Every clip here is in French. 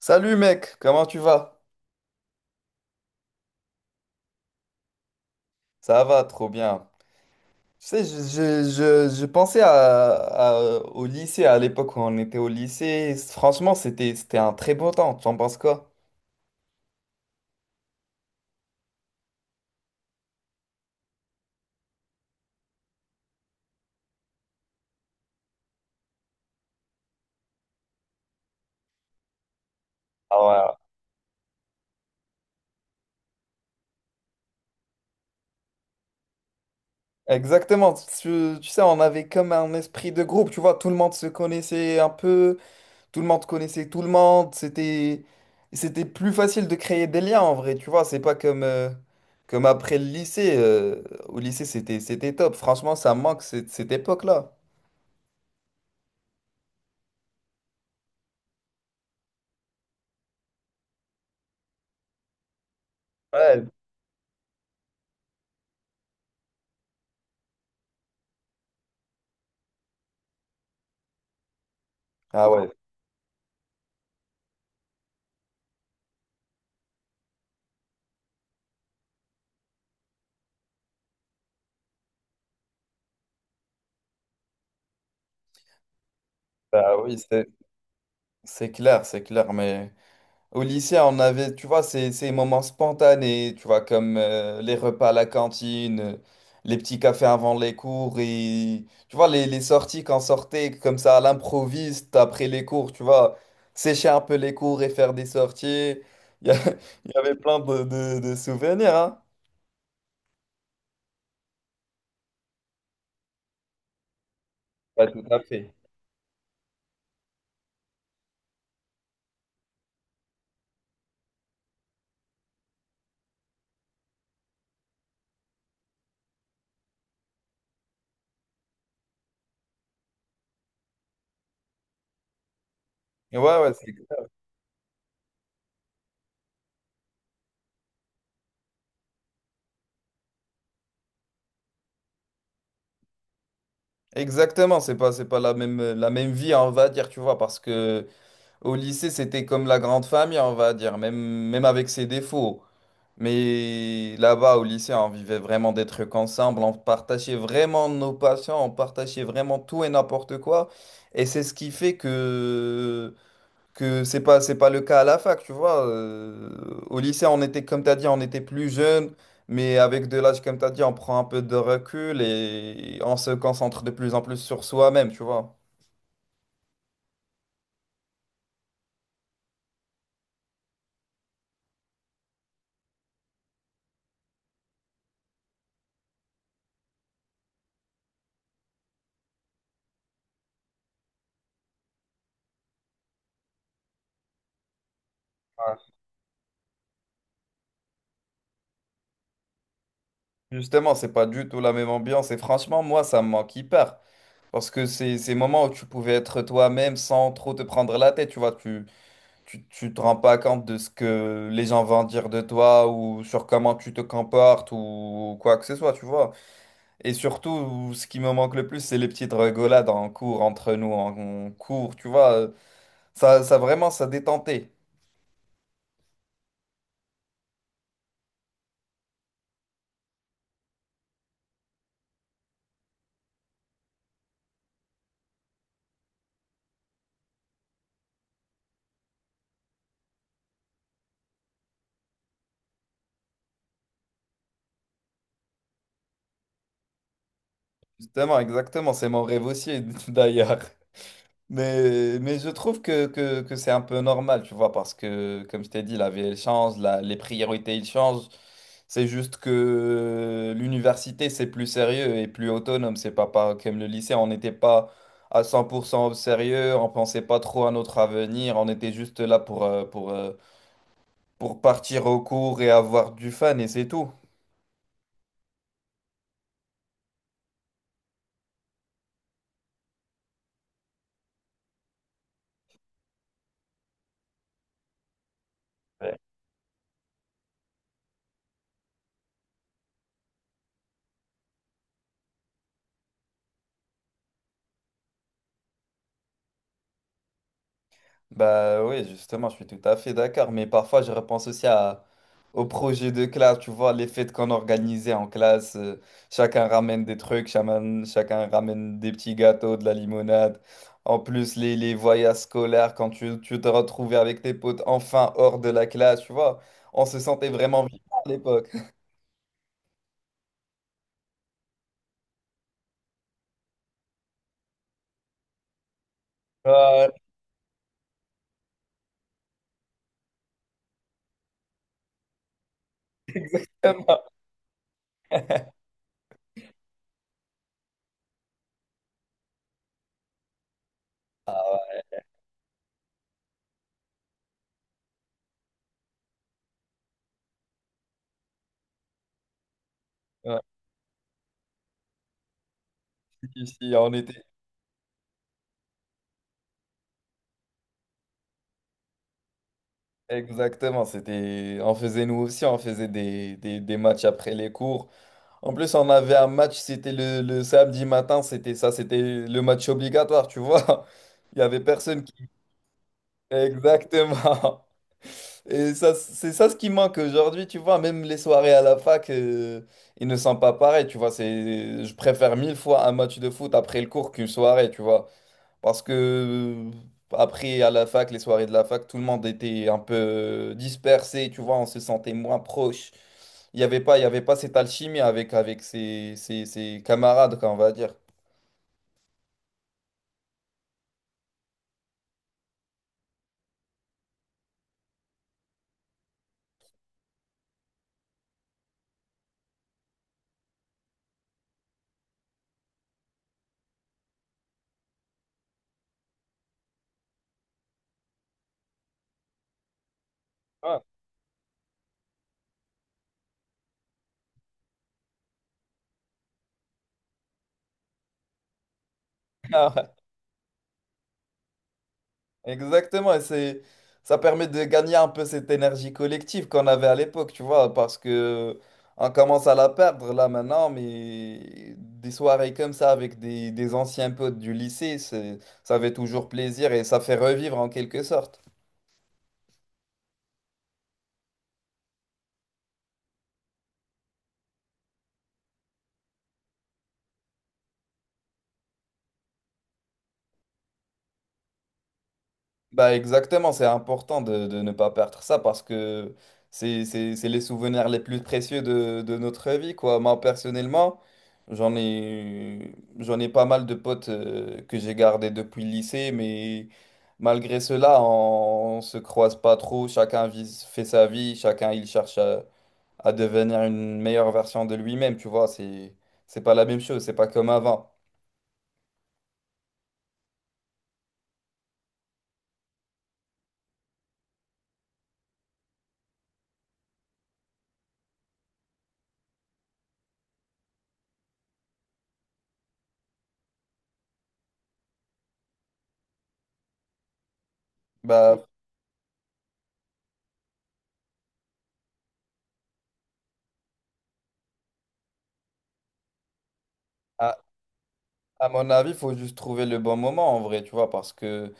Salut mec, comment tu vas? Ça va, trop bien. Tu sais, je pensais au lycée, à l'époque où on était au lycée. Franchement, c'était un très beau temps. Tu en penses quoi? Ah ouais. Exactement. Tu sais, on avait comme un esprit de groupe. Tu vois, tout le monde se connaissait un peu. Tout le monde connaissait tout le monde. C'était plus facile de créer des liens en vrai. Tu vois, c'est pas comme comme après le lycée. Au lycée, c'était top. Franchement, ça me manque cette époque-là. Ouais, ah ouais, bah oui, c'est clair, c'est clair, mais au lycée, on avait, tu vois, ces moments spontanés, tu vois, comme les repas à la cantine, les petits cafés avant les cours, et tu vois, les sorties qu'on sortait comme ça à l'improviste après les cours, tu vois, sécher un peu les cours et faire des sorties. Il y, a- il y avait plein de souvenirs, hein? Ouais, tout à fait. Ouais, ouais, c'est exactement, c'est pas la même vie, on va dire, tu vois, parce que. Au lycée, c'était comme la grande famille, on va dire, même avec ses défauts. Mais là-bas, au lycée, on vivait vraiment des trucs ensemble, on partageait vraiment nos passions, on partageait vraiment tout et n'importe quoi. Et c'est ce qui fait que c'est pas le cas à la fac, tu vois. Au lycée, on était, comme tu as dit, on était plus jeunes, mais avec de l'âge, comme tu as dit, on prend un peu de recul et on se concentre de plus en plus sur soi-même, tu vois. Justement, c'est pas du tout la même ambiance. Et franchement, moi, ça me manque hyper. Parce que c'est ces moments où tu pouvais être toi-même sans trop te prendre la tête. Tu vois, tu te rends pas compte de ce que les gens vont dire de toi ou sur comment tu te comportes ou quoi que ce soit, tu vois. Et surtout, ce qui me manque le plus, c'est les petites rigolades en cours, entre nous, en cours, tu vois. Ça vraiment, ça détentait. Justement, exactement. C'est mon rêve aussi, d'ailleurs. Mais je trouve que c'est un peu normal, tu vois, parce que, comme je t'ai dit, la vie, elle change, les priorités, ils changent. C'est juste que l'université, c'est plus sérieux et plus autonome. C'est pas comme le lycée, on n'était pas à 100% au sérieux, on pensait pas trop à notre avenir, on était juste là pour pour partir au cours et avoir du fun, et c'est tout. Bah oui, justement, je suis tout à fait d'accord, mais parfois je repense aussi aux projets de classe, tu vois, les fêtes qu'on organisait en classe, chacun ramène des trucs, chacun ramène des petits gâteaux, de la limonade. En plus, les voyages scolaires, quand tu te retrouvais avec tes potes enfin hors de la classe, tu vois, on se sentait vraiment vivant à l'époque. Ouais, vraiment. Ouais, si, on était exactement, c'était, on faisait nous aussi, on faisait des matchs après les cours. En plus, on avait un match, c'était le samedi matin, c'était ça, c'était le match obligatoire, tu vois. Il y avait personne qui... Exactement. Et ça, c'est ça ce qui manque aujourd'hui, tu vois. Même les soirées à la fac, ils ne sont pas pareils, tu vois. C'est, je préfère mille fois un match de foot après le cours qu'une soirée, tu vois. Parce que après, à la fac, les soirées de la fac, tout le monde était un peu dispersé, tu vois, on se sentait moins proche. Il y avait pas cette alchimie avec, avec ses camarades, quoi, on va dire. Ouais. Ah ouais, exactement, et c'est ça permet de gagner un peu cette énergie collective qu'on avait à l'époque, tu vois, parce que on commence à la perdre là maintenant, mais des soirées comme ça avec des anciens potes du lycée, ça fait toujours plaisir et ça fait revivre en quelque sorte. Bah exactement, c'est important de ne pas perdre ça parce que c'est les souvenirs les plus précieux de notre vie, quoi. Moi, personnellement, j'en ai pas mal de potes que j'ai gardés depuis le lycée, mais malgré cela, on se croise pas trop. Fait sa vie, chacun il cherche à devenir une meilleure version de lui-même, tu vois. C'est pas la même chose, c'est pas comme avant. Bah, à, à mon avis, il faut juste trouver le bon moment en vrai, tu vois, parce que.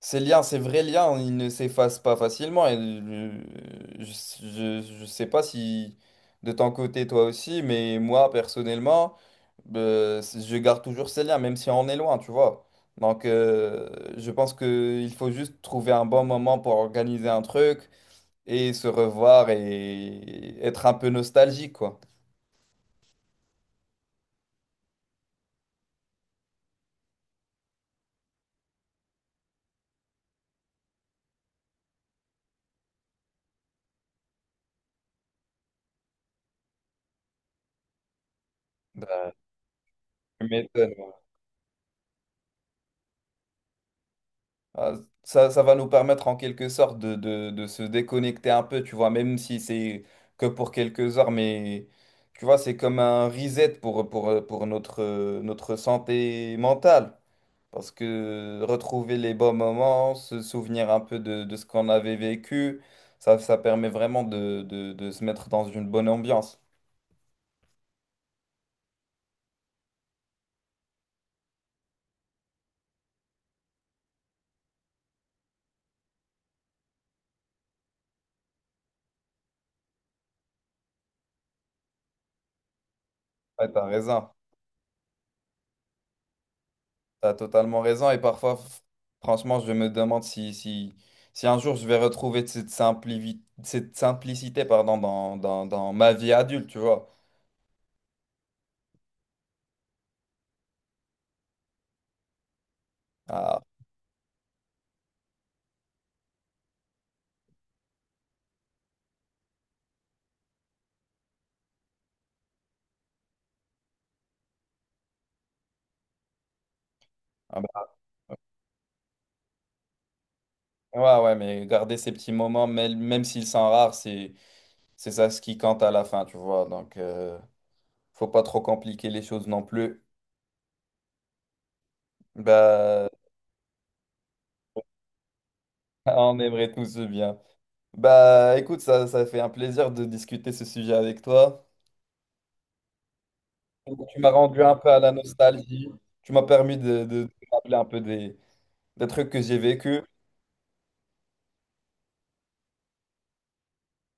Ces liens, ces vrais liens, ils ne s'effacent pas facilement. Et je, je sais pas si de ton côté, toi aussi, mais moi, personnellement, je garde toujours ces liens, même si on est loin, tu vois. Donc, je pense qu'il faut juste trouver un bon moment pour organiser un truc et se revoir et être un peu nostalgique, quoi. Bah, tu m'étonnes. Ah, ça va nous permettre en quelque sorte de se déconnecter un peu, tu vois, même si c'est que pour quelques heures, mais tu vois, c'est comme un reset pour notre, notre santé mentale. Parce que retrouver les bons moments, se souvenir un peu de ce qu'on avait vécu, ça permet vraiment de se mettre dans une bonne ambiance. Ouais, t'as raison. T'as totalement raison. Et parfois, franchement, je me demande si, si un jour je vais retrouver cette simplicité, pardon, dans ma vie adulte, tu vois. Ah, ah bah, ouais, ouais, mais garder ces petits moments, même s'ils sont rares, c'est ça ce qui compte à la fin, tu vois. Donc, faut pas trop compliquer les choses non plus. Bah, on aimerait tous ce bien. Bah, écoute, ça fait un plaisir de discuter ce sujet avec toi. Donc, tu m'as rendu un peu à la nostalgie. Tu m'as permis de rappeler un peu des trucs que j'ai vécu.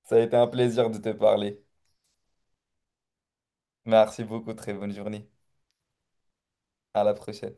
Ça a été un plaisir de te parler. Merci beaucoup. Très bonne journée. À la prochaine.